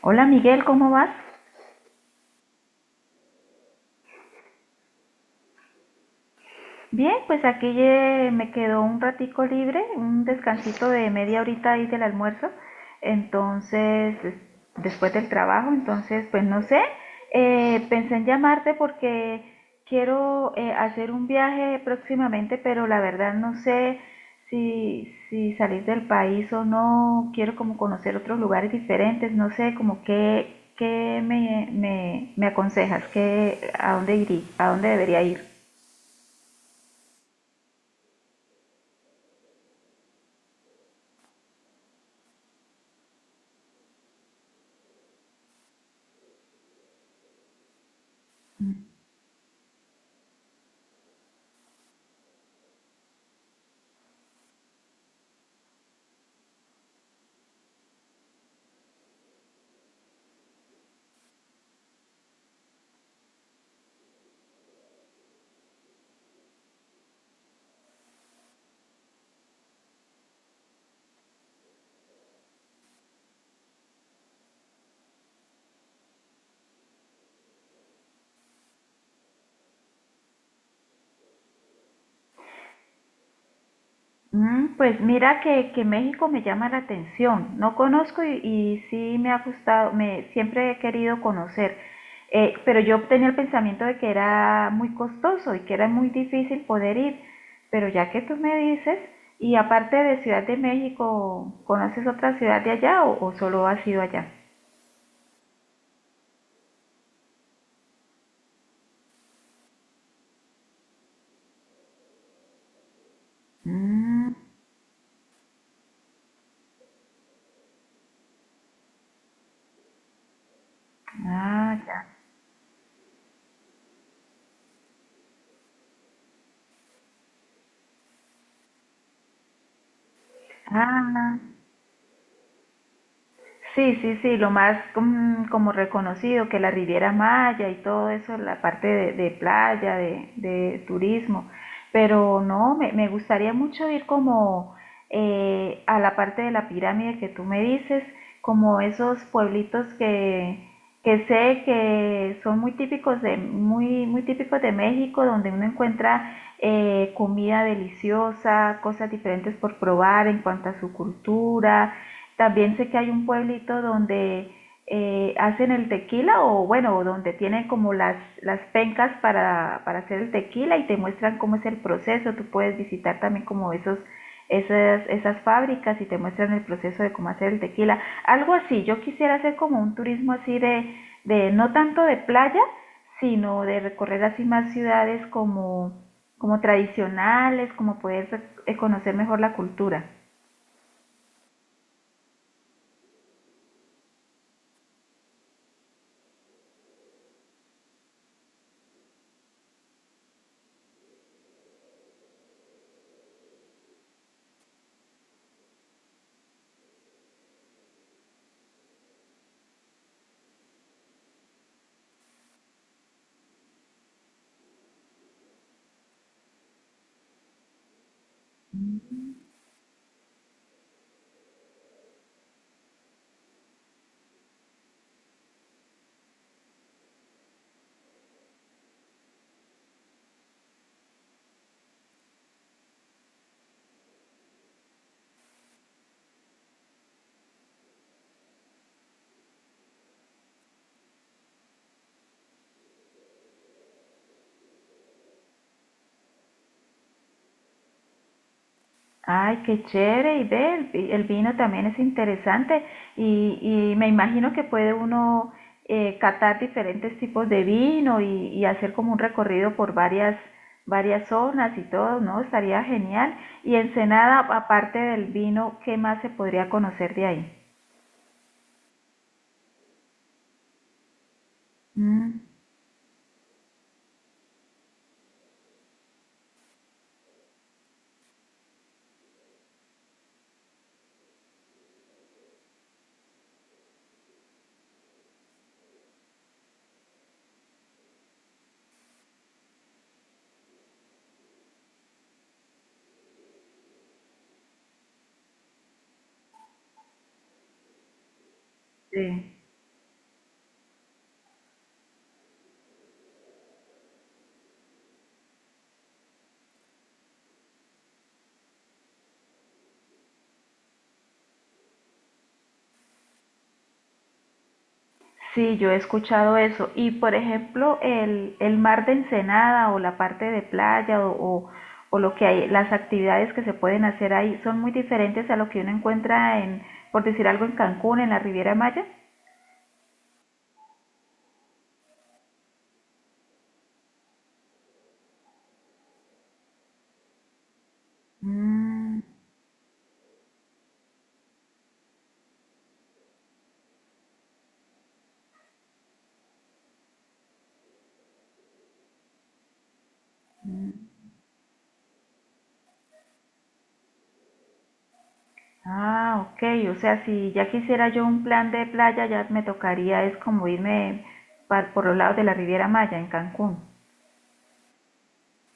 Hola Miguel, ¿cómo vas? Bien, pues aquí me quedó un ratico libre, un descansito de media horita ahí del almuerzo, entonces, después del trabajo, entonces, pues no sé, pensé en llamarte porque quiero hacer un viaje próximamente, pero la verdad no sé si salir del país o no, quiero como conocer otros lugares diferentes, no sé, como qué, qué me aconsejas, qué, a dónde iría, a dónde debería ir. Mm, pues mira que México me llama la atención. No conozco y sí me ha gustado, me siempre he querido conocer. Pero yo tenía el pensamiento de que era muy costoso y que era muy difícil poder ir. Pero ya que tú me dices, y aparte de Ciudad de México, ¿conoces otra ciudad de allá o solo has ido allá? Mm, ah, ya. Ah, sí, sí, sí, lo más como reconocido que la Riviera Maya y todo eso, la parte de playa, de turismo, pero no, me gustaría mucho ir como a la parte de la pirámide que tú me dices, como esos pueblitos que sé que son muy típicos de, muy, muy típicos de México, donde uno encuentra comida deliciosa, cosas diferentes por probar en cuanto a su cultura, también sé que hay un pueblito donde hacen el tequila o bueno, donde tienen como las pencas para hacer el tequila y te muestran cómo es el proceso. Tú puedes visitar también como esos esas fábricas y te muestran el proceso de cómo hacer el tequila. Algo así, yo quisiera hacer como un turismo así de no tanto de playa, sino de recorrer así más ciudades como, como tradicionales, como poder conocer mejor la cultura. Ay, qué chévere, y ve, el vino también es interesante y, y me imagino que puede uno catar diferentes tipos de vino y hacer como un recorrido por varias, varias zonas y todo, ¿no? Estaría genial. Y Ensenada, aparte del vino, ¿qué más se podría conocer de ahí? Mm, sí. Sí, yo he escuchado eso. Y por ejemplo, el mar de Ensenada o la parte de playa o lo que hay, las actividades que se pueden hacer ahí son muy diferentes a lo que uno encuentra en, por decir algo, en Cancún, en la Riviera Maya. Mm, mm. Ah, ok. O sea, si ya quisiera yo un plan de playa, ya me tocaría es como irme por los lados de la Riviera Maya, en Cancún.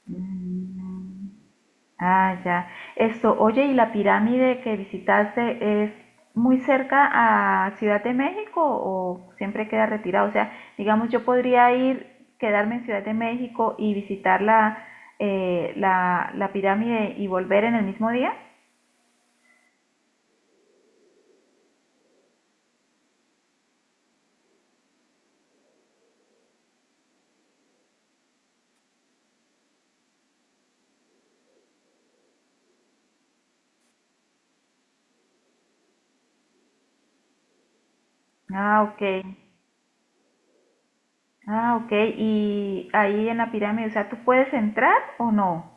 Mm. Ah, ya. Esto, oye, ¿y la pirámide que visitaste es muy cerca a Ciudad de México o siempre queda retirado? O sea, digamos, yo podría ir, quedarme en Ciudad de México y visitar la pirámide y volver en el mismo día. Ah, ok. Ah, ok. Y ahí en la pirámide, o sea, ¿tú puedes entrar o no?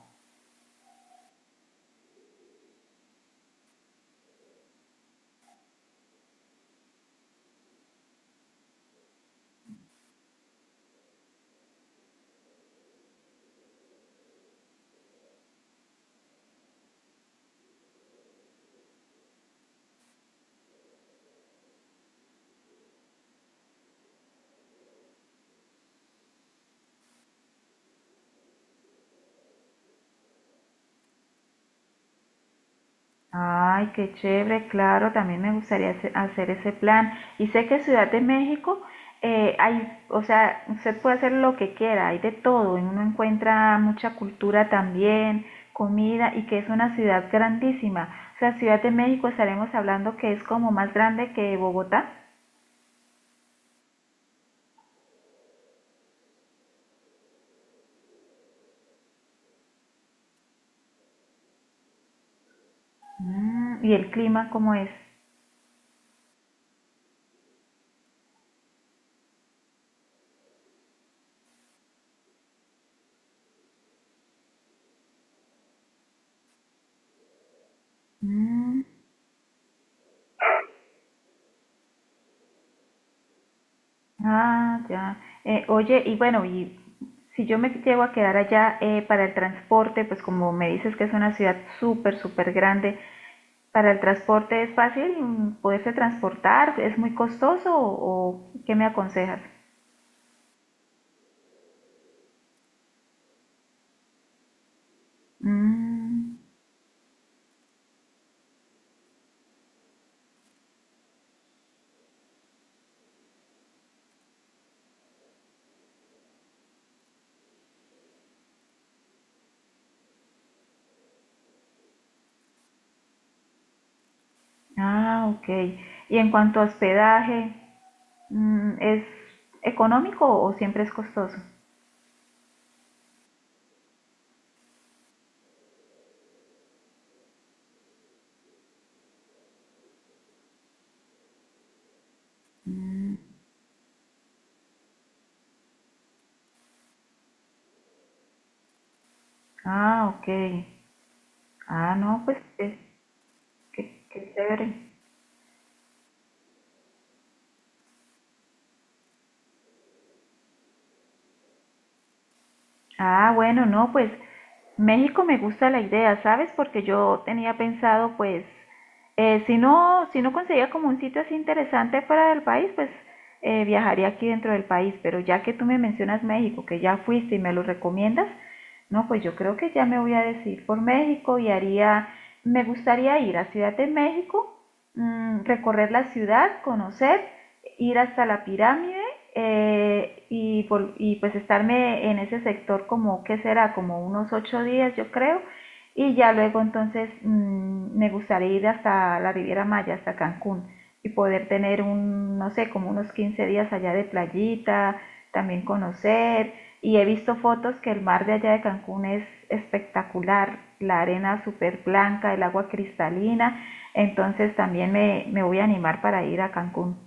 Ay, qué chévere, claro, también me gustaría hacer ese plan. Y sé que Ciudad de México, hay, o sea, usted puede hacer lo que quiera, hay de todo, y uno encuentra mucha cultura también, comida, y que es una ciudad grandísima. O sea, Ciudad de México estaremos hablando que es como más grande que Bogotá. Mm, ¿y el clima cómo es? Mm. Ah, ya. Oye, y bueno, y si yo me llego a quedar allá para el transporte, pues como me dices que es una ciudad súper, súper grande, ¿para el transporte es fácil mm, poderse transportar? ¿Es muy costoso o qué me aconsejas? Mm, ah, ok. Y en cuanto a hospedaje, mm, ¿es económico o siempre es costoso? Mm, ah, ok. Ah, no, pues es, qué, qué chévere. Ah, bueno, no, pues México me gusta la idea, ¿sabes? Porque yo tenía pensado, pues, si no, si no conseguía como un sitio así interesante fuera del país, pues viajaría aquí dentro del país. Pero ya que tú me mencionas México, que ya fuiste y me lo recomiendas, no, pues yo creo que ya me voy a decidir por México y haría, me gustaría ir a Ciudad de México, mm, recorrer la ciudad, conocer, ir hasta la pirámide y pues estarme en ese sector como, ¿qué será? Como unos 8 días, yo creo. Y ya luego entonces mm, me gustaría ir hasta la Riviera Maya, hasta Cancún, y poder tener un, no sé, como unos 15 días allá de playita, también conocer. Y he visto fotos que el mar de allá de Cancún es espectacular, la arena súper blanca, el agua cristalina. Entonces también me voy a animar para ir a Cancún.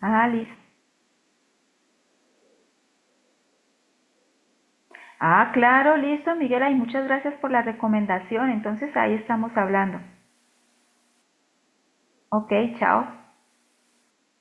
Ah, listo. Ah, claro, listo, Miguel. Ay, muchas gracias por la recomendación. Entonces ahí estamos hablando. Ok, chao.